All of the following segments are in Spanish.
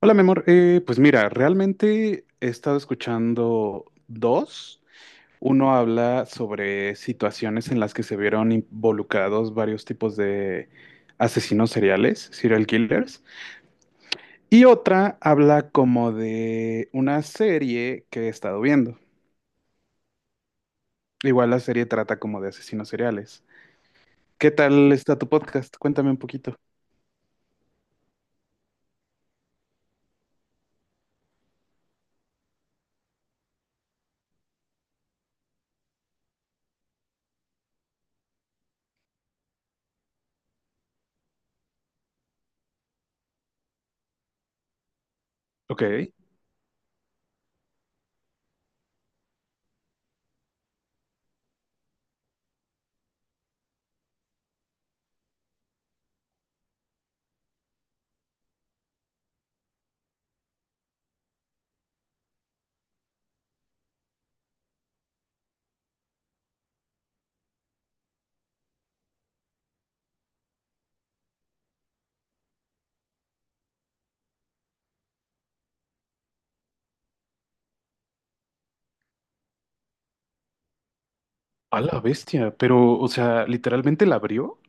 Hola, mi amor. Pues mira, realmente he estado escuchando dos. Uno habla sobre situaciones en las que se vieron involucrados varios tipos de asesinos seriales, serial killers. Y otra habla como de una serie que he estado viendo. Igual la serie trata como de asesinos seriales. ¿Qué tal está tu podcast? Cuéntame un poquito. Ok. A la bestia, pero, o sea, literalmente la abrió.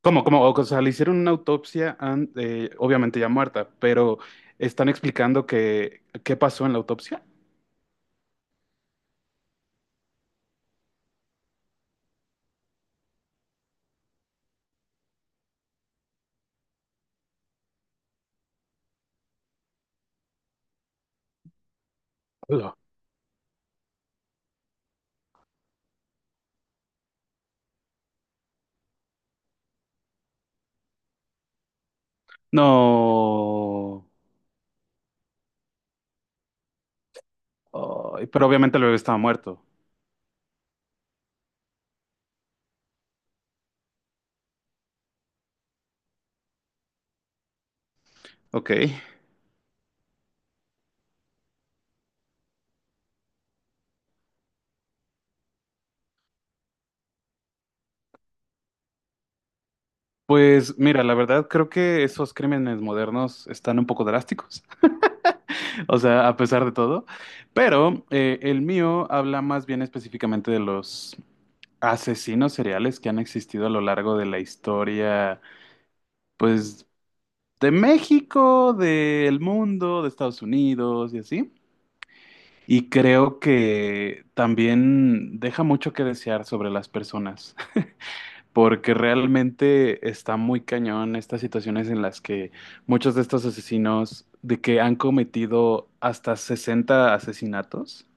¿Cómo? O sea, le hicieron una autopsia, obviamente ya muerta, pero están explicando qué pasó en la autopsia. Hola. No. Ay, pero obviamente el bebé estaba muerto. Ok. Pues mira, la verdad creo que esos crímenes modernos están un poco drásticos. O sea, a pesar de todo. Pero el mío habla más bien específicamente de los asesinos seriales que han existido a lo largo de la historia, pues, de México, del mundo, de Estados Unidos y así. Y creo que también deja mucho que desear sobre las personas, porque realmente está muy cañón estas situaciones en las que muchos de estos asesinos, de que han cometido hasta 60 asesinatos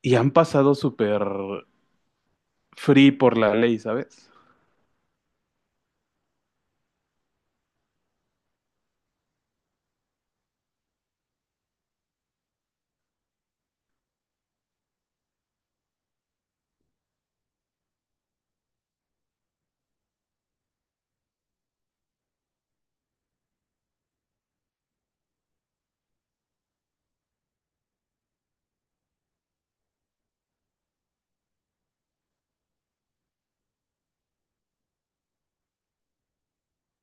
y han pasado súper free por la ley, ¿sabes?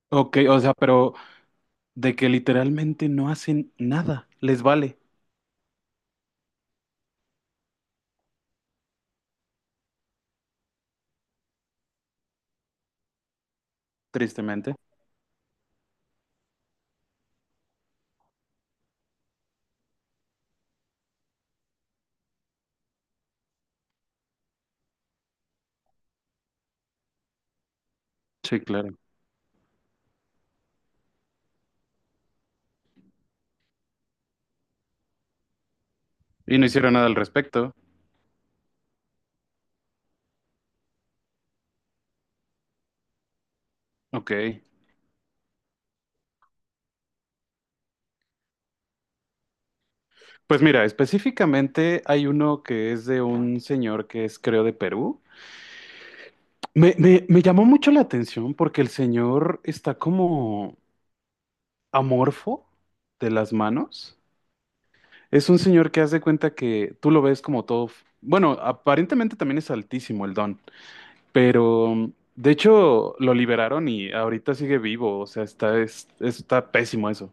Ok, o sea, pero de que literalmente no hacen nada, les vale, tristemente. Sí, claro. Y no hicieron nada al respecto. Ok. Pues mira, específicamente hay uno que es de un señor que es, creo, de Perú. Me llamó mucho la atención porque el señor está como amorfo de las manos. Es un señor que hace cuenta que tú lo ves como todo. Bueno, aparentemente también es altísimo el don. Pero, de hecho, lo liberaron y ahorita sigue vivo. O sea, está pésimo eso.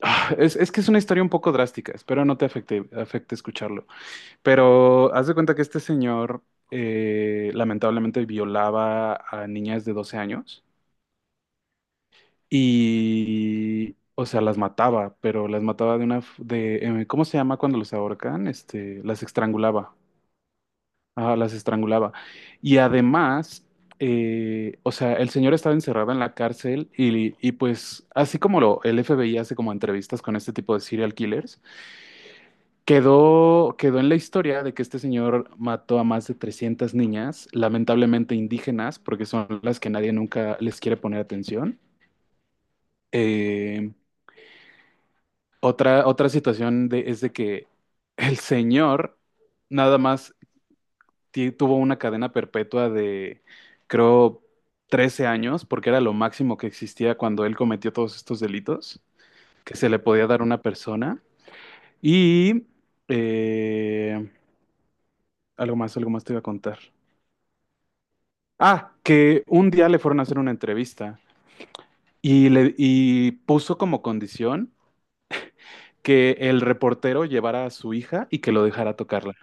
Ah, es que es una historia un poco drástica. Espero no te afecte escucharlo. Pero haz de cuenta que este señor lamentablemente violaba a niñas de 12 años y, o sea, las mataba, pero las mataba de ¿cómo se llama cuando los ahorcan? Este, las estrangulaba. Ajá, las estrangulaba. Y además, o sea, el señor estaba encerrado en la cárcel y pues, así como el F. B. FBI hace como entrevistas con este tipo de serial killers, quedó en la historia de que este señor mató a más de 300 niñas, lamentablemente indígenas, porque son las que nadie nunca les quiere poner atención. Eh, otra situación es de que el señor nada más tuvo una cadena perpetua de, creo, 13 años, porque era lo máximo que existía cuando él cometió todos estos delitos que se le podía dar a una persona. Y eh, algo más te iba a contar. Ah, que un día le fueron a hacer una entrevista y puso como condición que el reportero llevara a su hija y que lo dejara tocarla.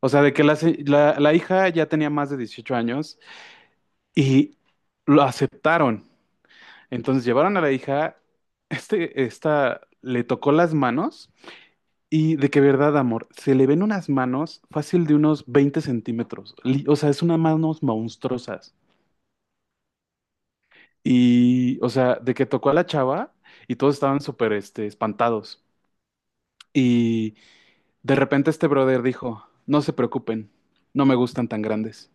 O sea, de que la, se- la la hija ya tenía más de 18 años y lo aceptaron. Entonces llevaron a la hija, esta le tocó las manos y de que verdad, amor, se le ven unas manos fácil de unos 20 centímetros. O sea, es unas manos monstruosas. Y, o sea, de que tocó a la chava y todos estaban súper, espantados. Y de repente este brother dijo, no se preocupen, no me gustan tan grandes.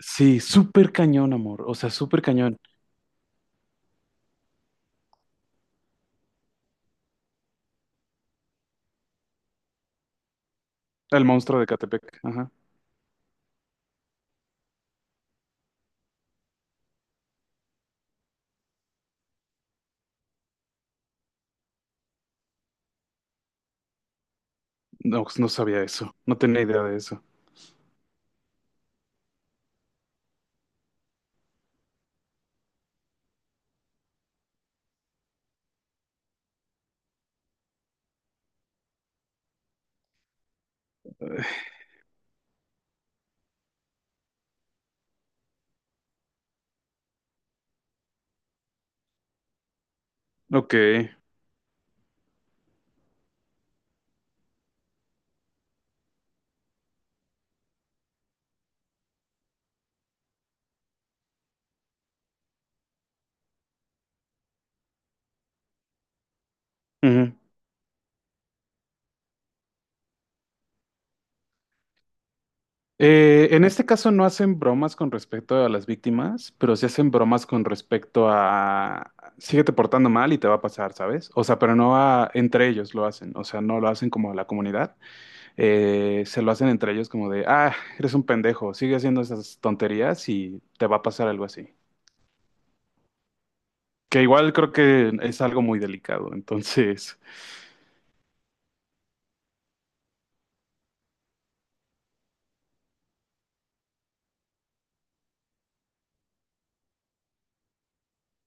Sí, súper cañón, amor. O sea, súper cañón. El monstruo de Catepec. Ajá. No, no sabía eso. No tenía idea de eso. Ok. Ujú. En este caso no hacen bromas con respecto a las víctimas, pero sí hacen bromas con respecto a síguete portando mal y te va a pasar, ¿sabes? O sea, pero no a- entre ellos lo hacen, o sea, no lo hacen como la comunidad, se lo hacen entre ellos como de, ah, eres un pendejo, sigue haciendo esas tonterías y te va a pasar algo así. Que igual creo que es algo muy delicado, entonces,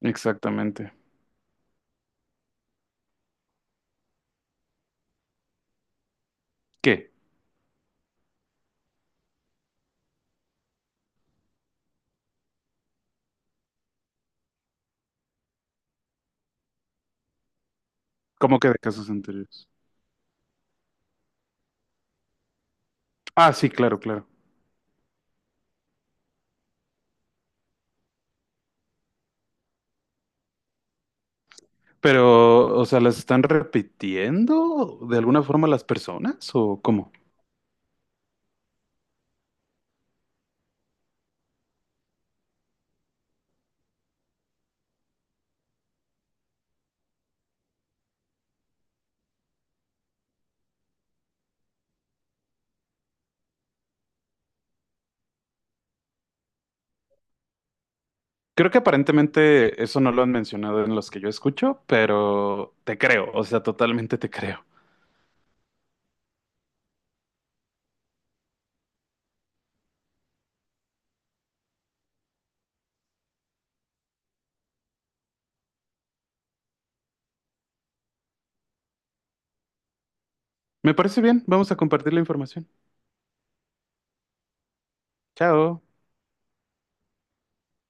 exactamente. ¿Qué? ¿Cómo que de casos anteriores? Ah, sí, claro, claro. Pero, o sea, ¿las están repitiendo de alguna forma las personas o cómo? Creo que aparentemente eso no lo han mencionado en los que yo escucho, pero te creo, o sea, totalmente te creo. Me parece bien, vamos a compartir la información. Chao.